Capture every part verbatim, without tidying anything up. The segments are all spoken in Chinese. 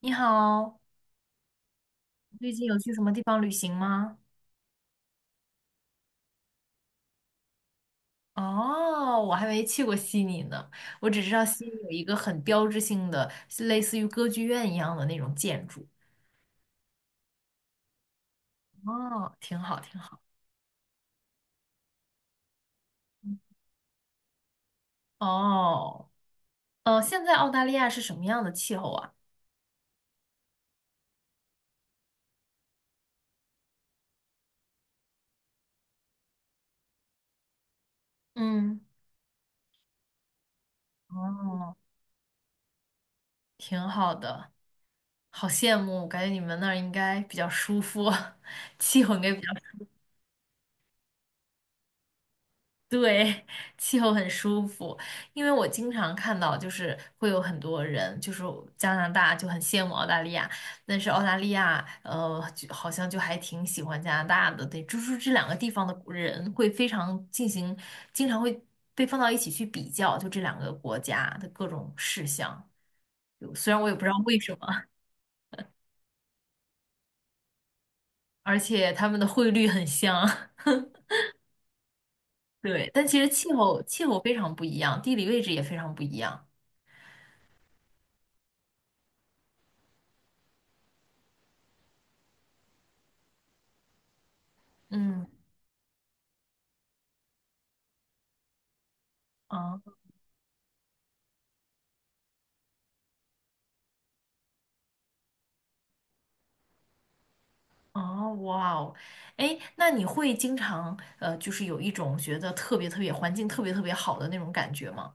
你好，最近有去什么地方旅行吗？哦，我还没去过悉尼呢，我只知道悉尼有一个很标志性的，是类似于歌剧院一样的那种建筑。哦，挺好，挺好。嗯。哦。呃，现在澳大利亚是什么样的气候啊？嗯。哦，挺好的，好羡慕，感觉你们那儿应该比较舒服，气候应该比较。对，气候很舒服，因为我经常看到，就是会有很多人，就是加拿大就很羡慕澳大利亚，但是澳大利亚，呃，就好像就还挺喜欢加拿大的。对，就是这两个地方的人会非常进行，经常会被放到一起去比较，就这两个国家的各种事项，就虽然我也不知道为什么，而且他们的汇率很像。对，但其实气候气候非常不一样，地理位置也非常不一样。嗯。啊。哦，哇哦。哎，那你会经常呃，就是有一种觉得特别特别环境特别特别好的那种感觉吗？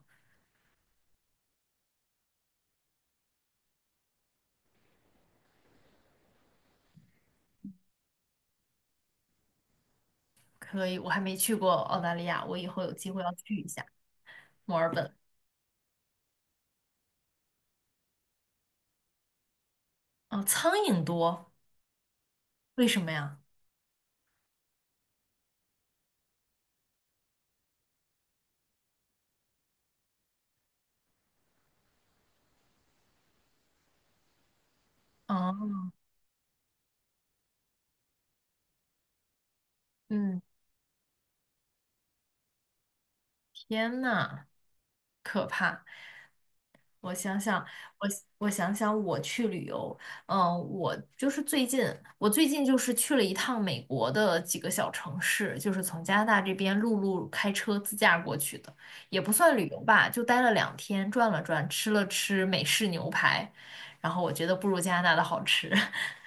可以，我还没去过澳大利亚，我以后有机会要去一下墨尔本。哦，苍蝇多，为什么呀？哦。嗯。天呐，可怕。我想想，我我想想，我去旅游，嗯，我就是最近，我最近就是去了一趟美国的几个小城市，就是从加拿大这边陆路开车自驾过去的，也不算旅游吧，就待了两天，转了转，吃了吃美式牛排，然后我觉得不如加拿大的好吃。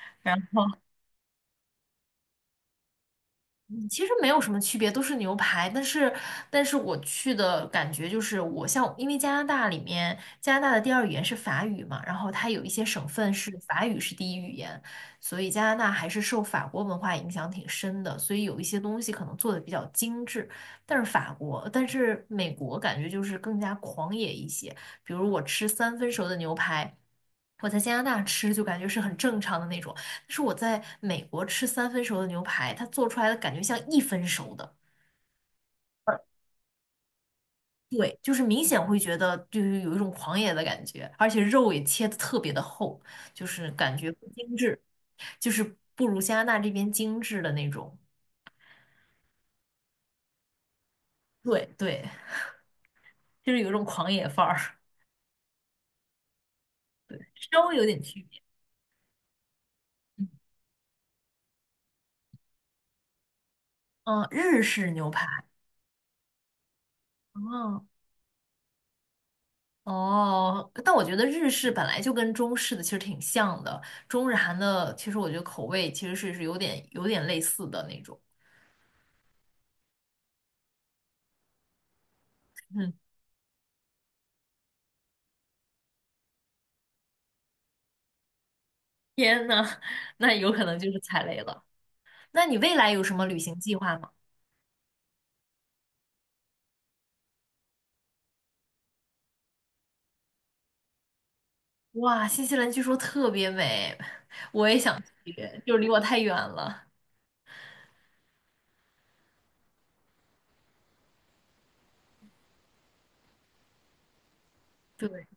其实没有什么区别，都是牛排。但是，但是我去的感觉就是，我像因为加拿大里面，加拿大的第二语言是法语嘛，然后它有一些省份是法语是第一语言，所以加拿大还是受法国文化影响挺深的，所以有一些东西可能做的比较精致。但是法国，但是美国感觉就是更加狂野一些，比如我吃三分熟的牛排。我在加拿大吃就感觉是很正常的那种，是我在美国吃三分熟的牛排，它做出来的感觉像一分熟的。对，就是明显会觉得就是有一种狂野的感觉，而且肉也切的特别的厚，就是感觉不精致，就是不如加拿大这边精致的那种。对，对，就是有一种狂野范儿。稍微有点区别。嗯，日式牛排。哦。哦，但我觉得日式本来就跟中式的其实挺像的，中日韩的其实我觉得口味其实是是有点有点类似的那种。嗯。天呐，那有可能就是踩雷了。那你未来有什么旅行计划吗？哇，新西兰据说特别美。就离我太远了。对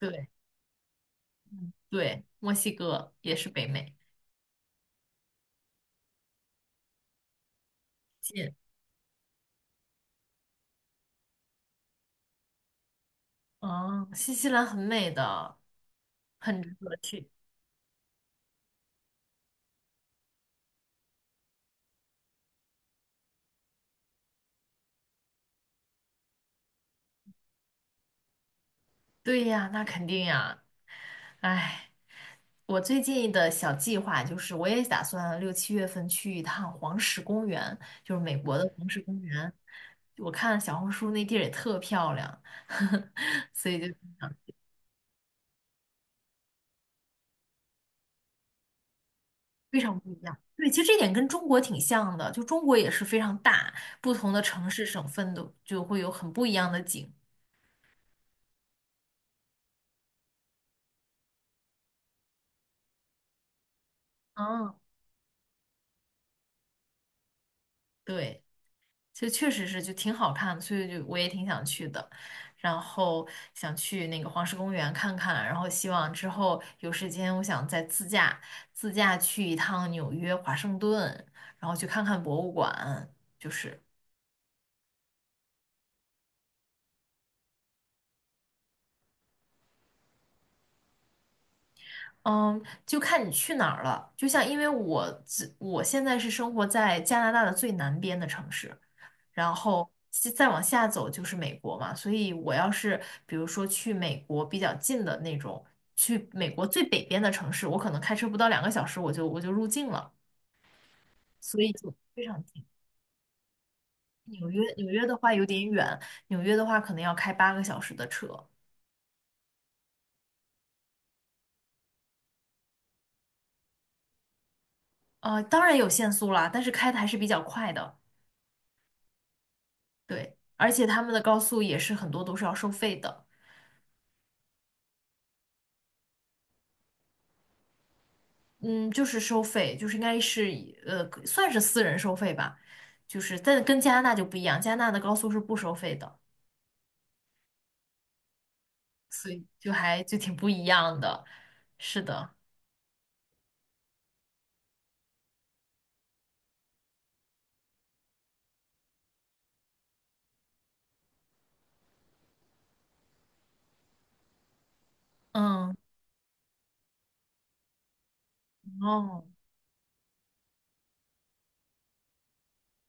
对嗯对，墨西哥也是北美，近。哦，新西兰很美的，很值得去。对呀，那肯定呀。哎。我最近的小计划就是，我也打算六七月份去一趟黄石公园，就是美国的黄石公园。我看小红书那地儿也特漂亮，所以就非常不一样。对，其实这点跟中国挺像的，就中国也是非常大，不同的城市、省份都就会有很不一样的景。嗯。对。就确实是就挺好看的，所以就我也挺想去的，然后想去那个黄石公园看看，然后希望之后有时间，我想再自驾自驾去一趟纽约、华盛顿，然后去看看博物馆，就是。嗯，就看你去哪儿了。就像因为我自我现在是生活在加拿大的最南边的城市，然后西再往下走就是美国嘛。所以我要是比如说去美国比较近的那种，去美国最北边的城市，我可能开车不到两个小时我就我就入境了，所以就非常近。纽约纽约的话有点远，纽约的话可能要开八个小时的车。呃，当然有限速啦，但是开的还是比较快的。对，而且他们的高速也是很多都是要收费的。嗯，就是收费，就是应该是以呃算是私人收费吧，就是但跟加拿大就不一样，加拿大的高速是不收费的，所以就还就挺不一样的。是的。嗯。哦。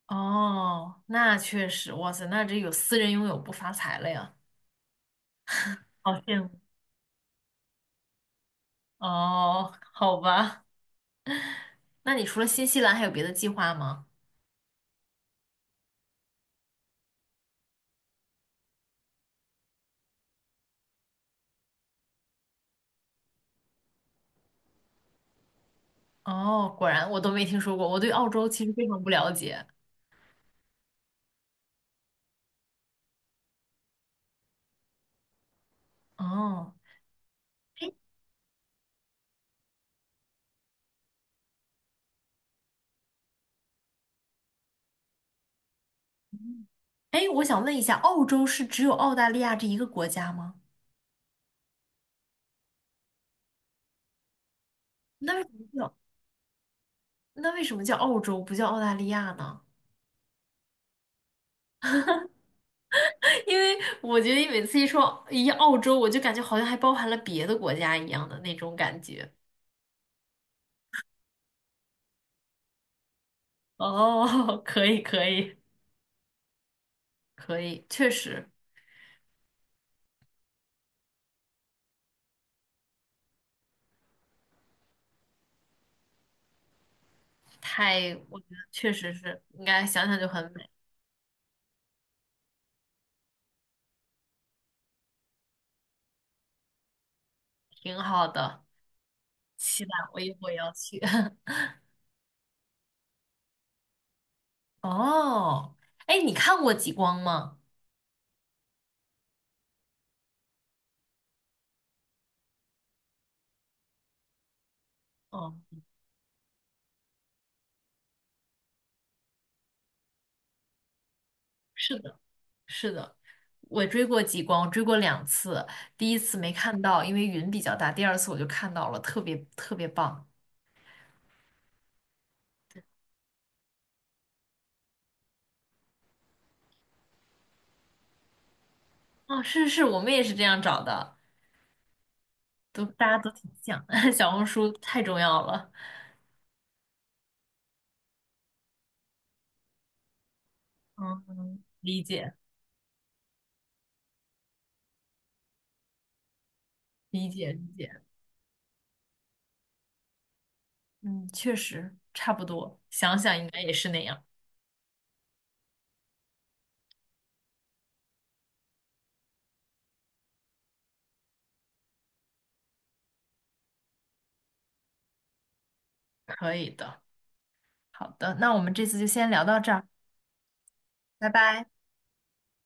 哦，那确实，哇塞，那这有私人拥有不发财了呀，好羡慕。哦，好吧，那你除了新西兰还有别的计划吗？哦，果然我都没听说过，我对澳洲其实非常不了解。哦。哎，我想问一下，澳洲是只有澳大利亚这一个国家吗？那为什么叫那为什么叫澳洲不叫澳大利亚呢？因为我觉得每次一说一澳洲，我就感觉好像还包含了别的国家一样的那种感觉。哦，可以可以可以，确实太，我觉得确实是应该想想就很美。挺好的，期待我一会儿要去。哦。哎，你看过极光吗？哦，是的，是的。我追过极光，追过两次，第一次没看到，因为云比较大，第二次我就看到了，特别特别棒。哦，是是是，我们也是这样找的，都大家都挺像，小红书太重要了。嗯，理解理解理解。嗯，确实差不多，想想应该也是那样。可以的，好的，那我们这次就先聊到这儿，拜拜。